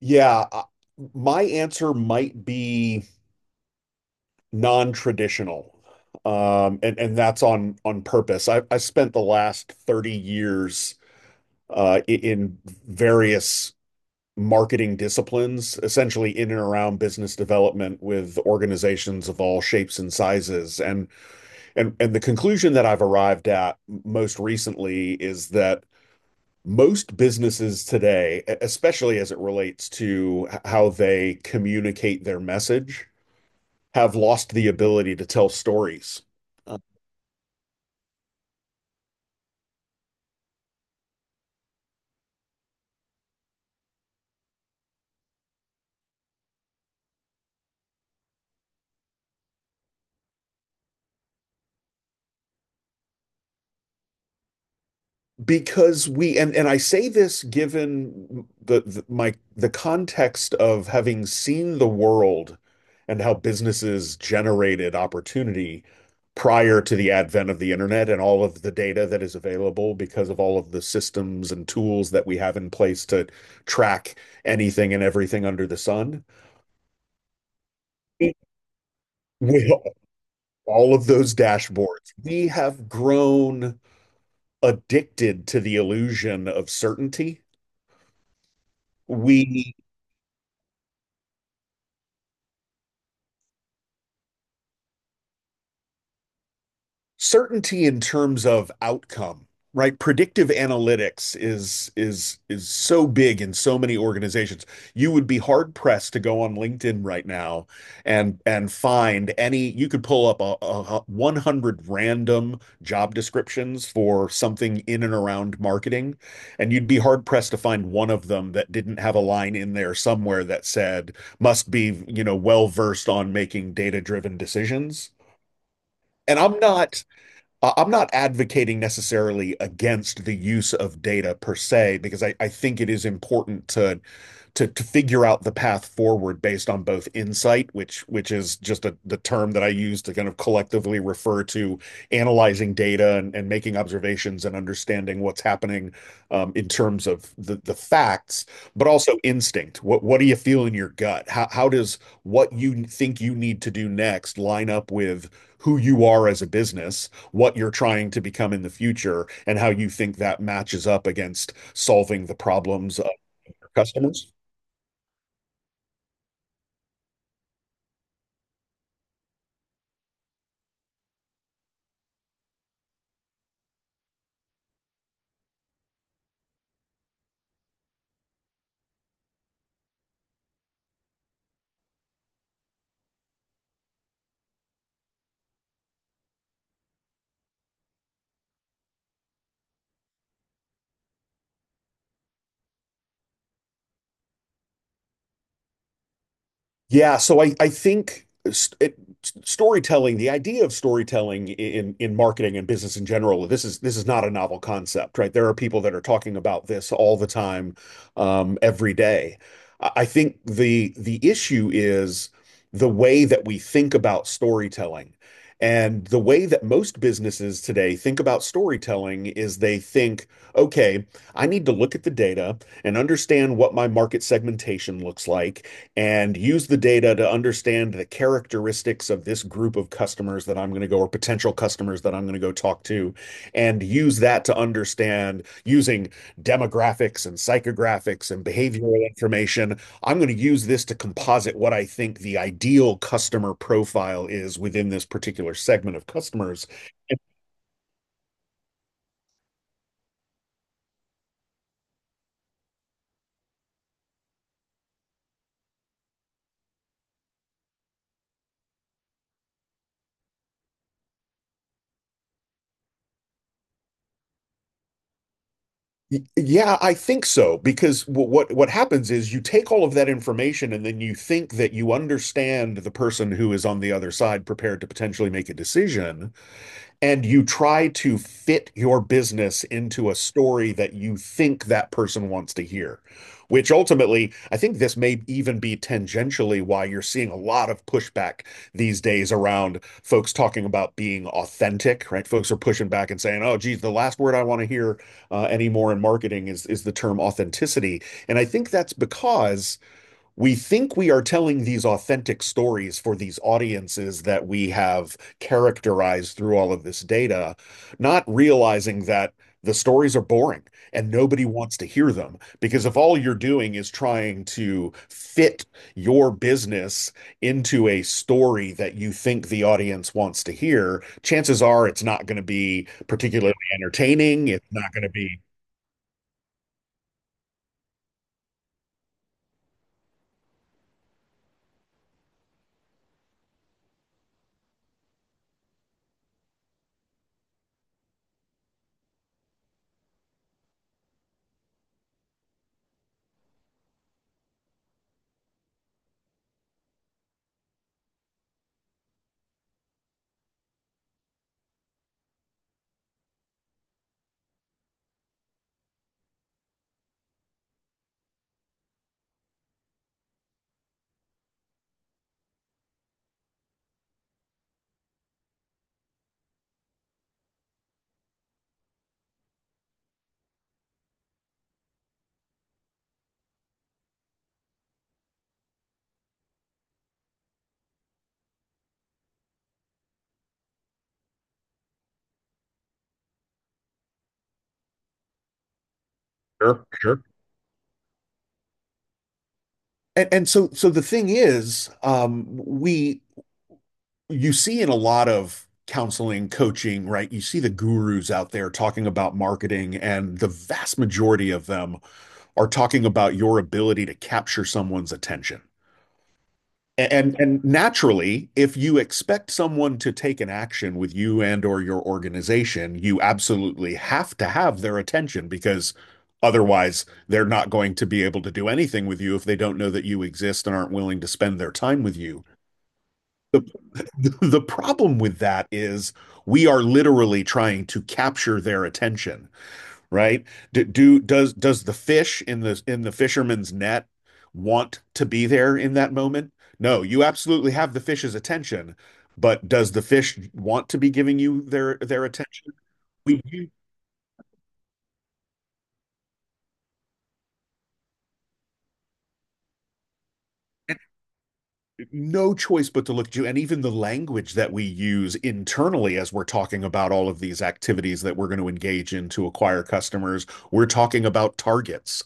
Yeah, uh, my answer might be non-traditional. And that's on purpose. I spent the last 30 years in various marketing disciplines, essentially in and around business development with organizations of all shapes and sizes. And the conclusion that I've arrived at most recently is that most businesses today, especially as it relates to how they communicate their message, have lost the ability to tell stories. Because we and I say this given the context of having seen the world and how businesses generated opportunity prior to the advent of the internet and all of the data that is available because of all of the systems and tools that we have in place to track anything and everything under the sun. With all of those dashboards, we have grown addicted to the illusion of certainty. We Certainty in terms of outcome, right? Predictive analytics is so big in so many organizations. You would be hard pressed to go on LinkedIn right now and find any. You could pull up 100 random job descriptions for something in and around marketing, and you'd be hard pressed to find one of them that didn't have a line in there somewhere that said must be, you know, well versed on making data driven decisions. And I'm not advocating necessarily against the use of data per se, because I think it is important to figure out the path forward based on both insight, which is just the term that I use to kind of collectively refer to analyzing data and making observations and understanding what's happening in terms of the facts, but also instinct. What do you feel in your gut? How does what you think you need to do next line up with who you are as a business, what you're trying to become in the future, and how you think that matches up against solving the problems of your customers? So I think storytelling, the idea of storytelling in marketing and business in general, this is not a novel concept, right? There are people that are talking about this all the time, every day. I think the issue is the way that we think about storytelling. And the way that most businesses today think about storytelling is they think, okay, I need to look at the data and understand what my market segmentation looks like and use the data to understand the characteristics of this group of customers that I'm going to go, or potential customers that I'm going to go talk to, and use that to understand using demographics and psychographics and behavioral information. I'm going to use this to composite what I think the ideal customer profile is within this particular segment of customers. Yeah, I think so because what happens is you take all of that information and then you think that you understand the person who is on the other side prepared to potentially make a decision, and you try to fit your business into a story that you think that person wants to hear, which ultimately I think this may even be tangentially why you're seeing a lot of pushback these days around folks talking about being authentic. Right, folks are pushing back and saying, oh geez, the last word I want to hear anymore in marketing is the term authenticity. And I think that's because we think we are telling these authentic stories for these audiences that we have characterized through all of this data, not realizing that the stories are boring and nobody wants to hear them. Because if all you're doing is trying to fit your business into a story that you think the audience wants to hear, chances are it's not going to be particularly entertaining. It's not going to be. Sure, sure. And so the thing is, we you see in a lot of counseling, coaching, right? You see the gurus out there talking about marketing, and the vast majority of them are talking about your ability to capture someone's attention. And naturally, if you expect someone to take an action with you and or your organization, you absolutely have to have their attention, because otherwise they're not going to be able to do anything with you if they don't know that you exist and aren't willing to spend their time with you. The problem with that is we are literally trying to capture their attention, right? Do, do does the fish in the fisherman's net want to be there in that moment? No, you absolutely have the fish's attention, but does the fish want to be giving you their attention? We you, no choice but to look at you. And even the language that we use internally as we're talking about all of these activities that we're going to engage in to acquire customers, we're talking about targets.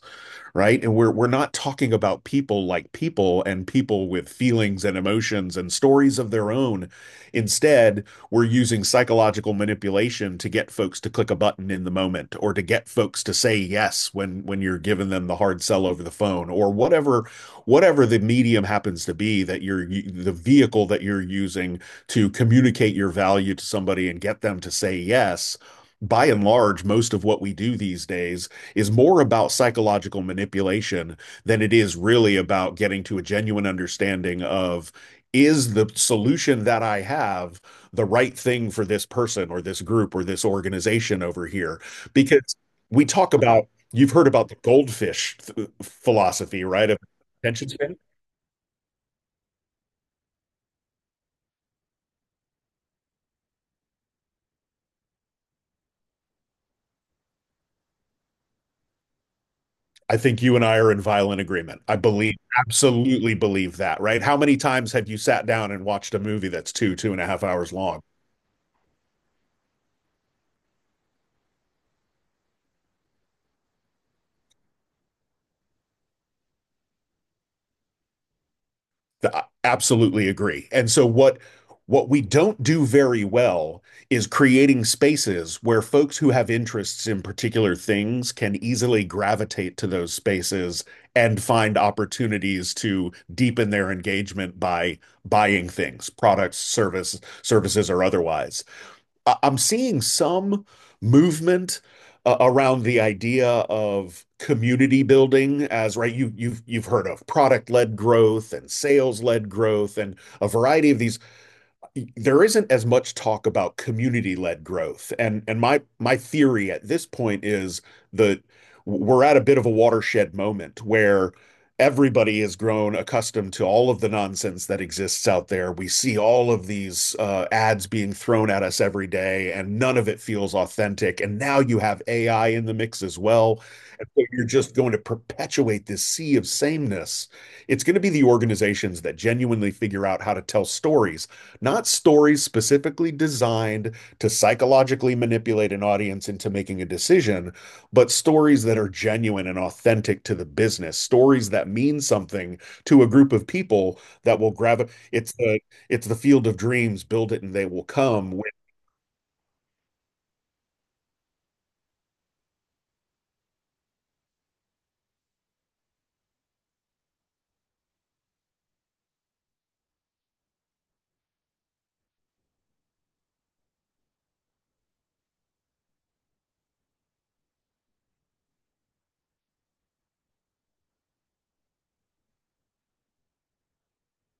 Right? And we're not talking about people, like people and people with feelings and emotions and stories of their own. Instead, we're using psychological manipulation to get folks to click a button in the moment, or to get folks to say yes when you're giving them the hard sell over the phone, or whatever, the medium happens to be, that you're the vehicle that you're using to communicate your value to somebody and get them to say yes. By and large, most of what we do these days is more about psychological manipulation than it is really about getting to a genuine understanding of, is the solution that I have the right thing for this person or this group or this organization over here? Because we talk about, you've heard about the goldfish philosophy, right? Of attention span. I think you and I are in violent agreement. I believe, absolutely believe that, right? How many times have you sat down and watched a movie that's two and a half hours long? I absolutely agree. And so what we don't do very well is creating spaces where folks who have interests in particular things can easily gravitate to those spaces and find opportunities to deepen their engagement by buying things, products, services, or otherwise. I'm seeing some movement around the idea of community building. As, right, you've heard of product-led growth and sales-led growth and a variety of these, there isn't as much talk about community-led growth. And my theory at this point is that we're at a bit of a watershed moment where everybody has grown accustomed to all of the nonsense that exists out there. We see all of these ads being thrown at us every day, and none of it feels authentic. And now you have AI in the mix as well. And so you're just going to perpetuate this sea of sameness. It's going to be the organizations that genuinely figure out how to tell stories, not stories specifically designed to psychologically manipulate an audience into making a decision, but stories that are genuine and authentic to the business, stories that mean something to a group of people that will grab it. It's the field of dreams, build it and they will come,